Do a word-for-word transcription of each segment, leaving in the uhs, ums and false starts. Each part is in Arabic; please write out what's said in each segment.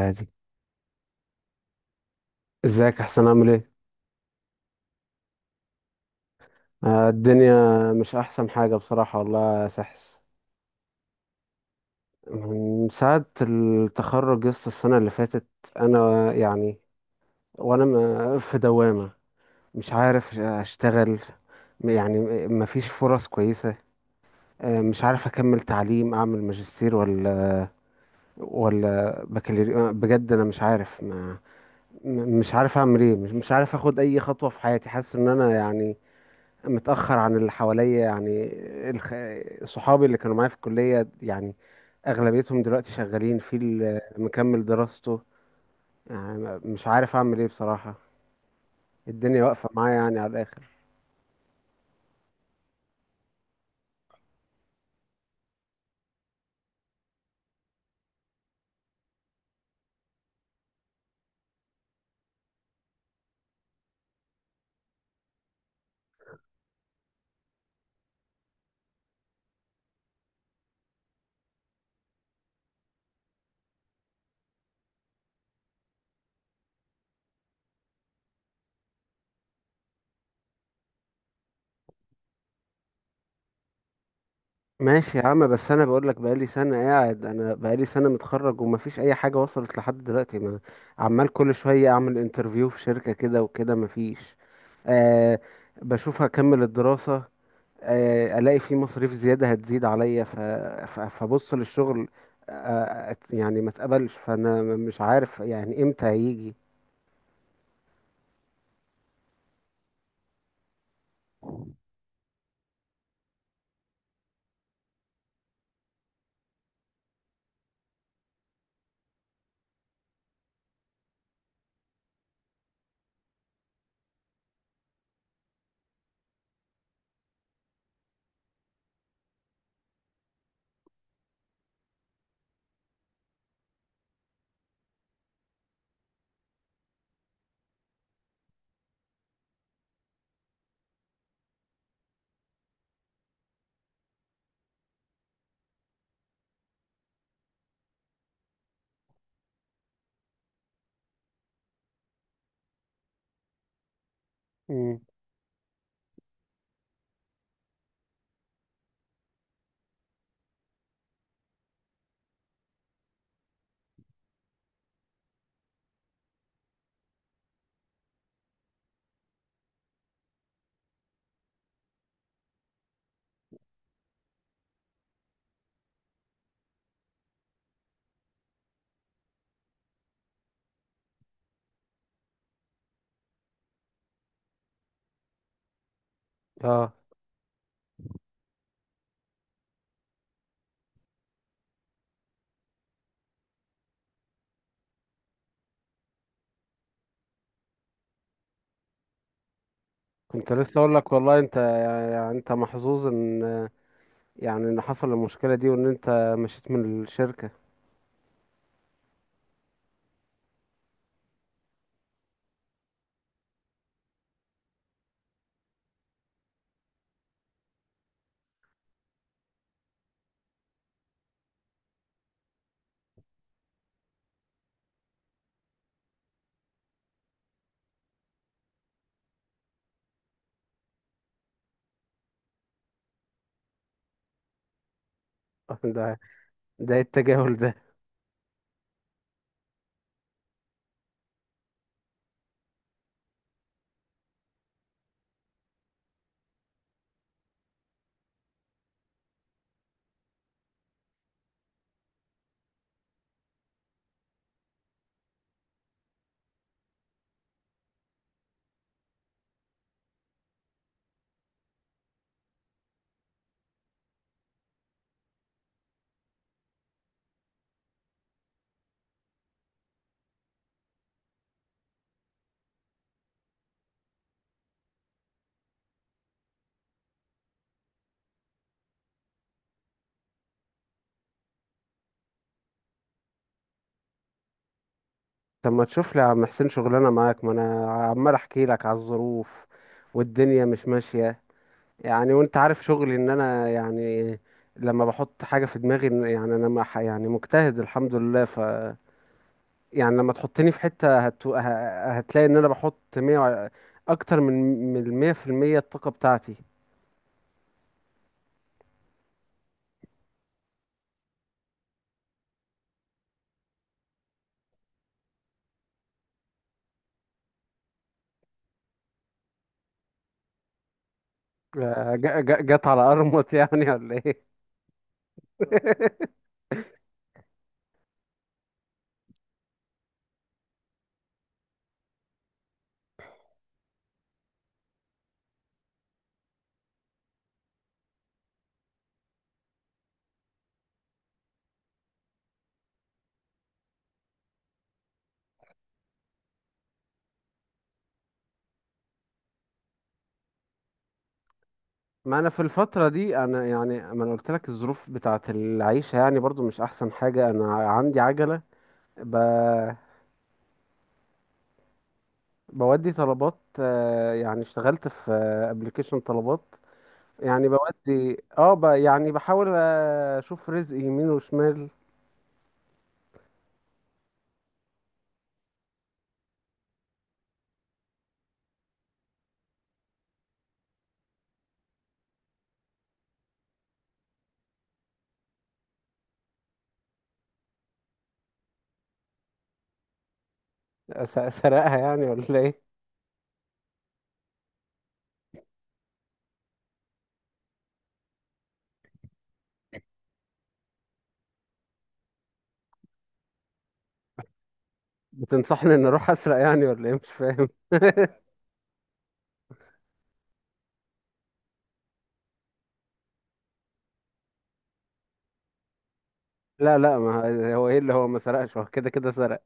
عادي. ازيك، احسن، اعمل ايه؟ آه، الدنيا مش احسن حاجة بصراحة والله يا سحس. من ساعة التخرج يسطا، السنة اللي فاتت انا يعني وانا م- في دوامة. مش عارف اشتغل. م- يعني م- مفيش فرص كويسة. آه، مش عارف اكمل تعليم، اعمل ماجستير ولا ولا بكالوريوس، بجد انا مش عارف. ما م- مش عارف اعمل ايه. مش مش عارف اخد اي خطوة في حياتي. حاسس ان انا يعني متأخر عن اللي حواليا يعني. الخ... صحابي اللي كانوا معايا في الكلية يعني أغلبيتهم دلوقتي شغالين، في اللي مكمل دراسته يعني. ما- مش عارف أعمل إيه بصراحة. الدنيا واقفة معايا يعني على الآخر. ماشي يا عم، بس أنا بقولك بقالي سنة قاعد، أنا بقالي سنة متخرج ومفيش أي حاجة وصلت لحد دلوقتي. ما عمال كل شوية أعمل انترفيو في شركة كده وكده مفيش. أه، بشوف هكمل الدراسة، آه، الاقي في مصاريف زياده هتزيد عليا ف... ف... فبص للشغل، آه، أت- يعني ما اتقبلش، فانا مش عارف يعني امتى هيجي. مم. اه، كنت لسه اقول لك والله انت يعني انت محظوظ، ان يعني ان حصل المشكله دي وان انت مشيت من الشركه. ده ده إيه التجاهل ده؟ طب ما تشوف لي يا عم حسين شغلانه معاك، ما انا عمال احكي لك على الظروف والدنيا مش ماشيه يعني. وانت عارف شغلي، ان انا يعني لما بحط حاجة في دماغي إن- يعني انا مح يعني مجتهد الحمد لله. ف يعني لما تحطني في حتة هت... ه- هتلاقي ان انا بحط مية وع- اكتر من من المية في المية الطاقة بتاعتي. آه، جا- جا- جت على ارمط يعني ولا ايه؟ ما انا في الفترة دي انا يعني، ما انا قلت لك الظروف بتاعت العيشة يعني برضو مش احسن حاجة. انا عندي عجلة، ب... بودي طلبات. آه، يعني اشتغلت في ابلكيشن طلبات يعني بودي. اه ب... يعني بحاول اشوف رزق يمين وشمال. أس- اسرقها يعني ولا ايه؟ بتنصحني ان اروح اسرق يعني ولا ايه؟ مش فاهم. لا لا، ما هو ايه اللي هو ما سرقش، هو كده كده سرق.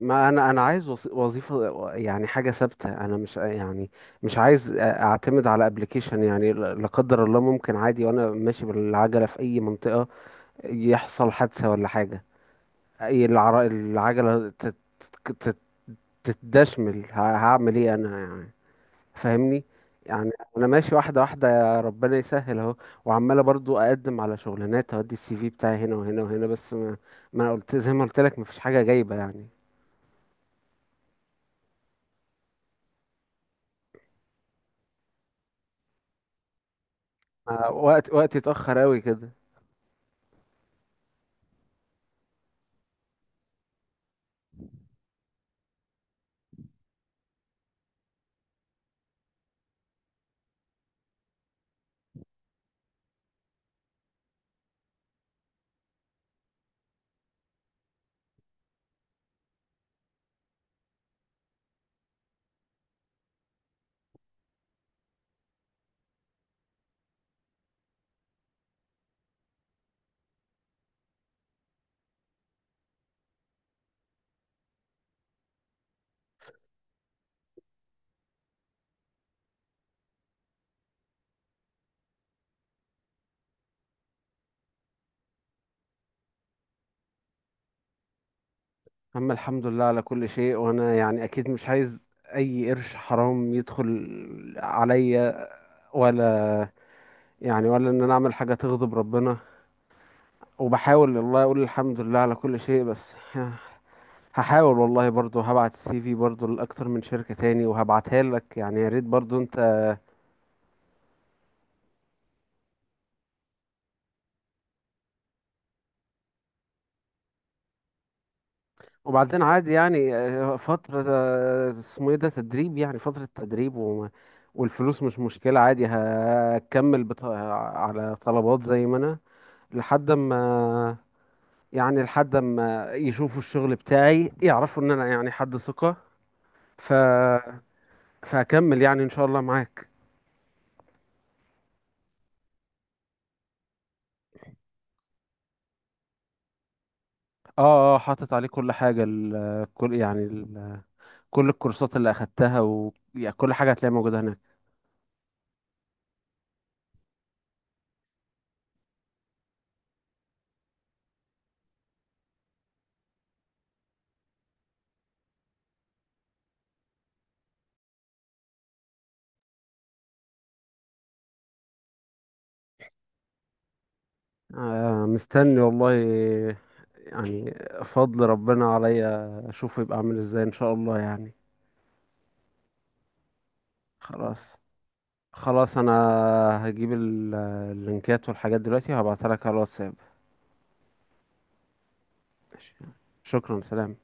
ما انا، انا عايز وص- وظيفة يعني حاجة ثابتة. انا مش يعني مش عايز اعتمد على ابلكيشن يعني. لا لا، قدر الله ممكن عادي وانا ماشي بالعجلة في اي منطقة يحصل حادثة ولا حاجة. اي العر- العجلة تت- تت- تتدشمل، ه- هعمل ايه انا يعني؟ فاهمني؟ يعني انا ماشي واحده واحده، يا ربنا يسهل اهو. وعماله برضو اقدم على شغلانات، اودي السي في بتاعي هنا وهنا وهنا، بس ما ما قلت زي ما قلت لك مفيش حاجه جايبه يعني. ما- وقت وقتي اتاخر قوي كده. اما الحمد لله على كل شيء. وانا يعني اكيد مش عايز اي قرش حرام يدخل عليا، ولا يعني ولا ان انا اعمل حاجه تغضب ربنا. وبحاول والله اقول الحمد لله على كل شيء. بس هحاول والله برضو، هبعت السي في برضو لأكتر من شركة تاني، وهبعتها لك يعني. يا ريت برضو انت. وبعدين عادي يعني، آه، فترة آه، اسمه ايه ده، تدريب يعني، فترة تدريب. وما والفلوس مش مشكلة عادي. هكمل بط... على طلبات زي ما انا، لحد ما يعني لحد ما يشوفوا الشغل بتاعي يعرفوا ان انا يعني حد ثقة. ف... فهكمل يعني ان شاء الله معاك. اه اه، حاطط عليه كل حاجة، ال... كل يعني كل الكورسات اللي اخدتها و... يعني كل حاجة هتلاقيها موجودة هناك. آه، مستني والله يعني فضل ربنا عليا اشوفه يبقى عامل ازاي ان شاء الله يعني. خلاص، خلاص. انا هجيب ال- اللينكات والحاجات دلوقتي وهبعتها لك على الواتساب. ماشي. شكرا، سلام.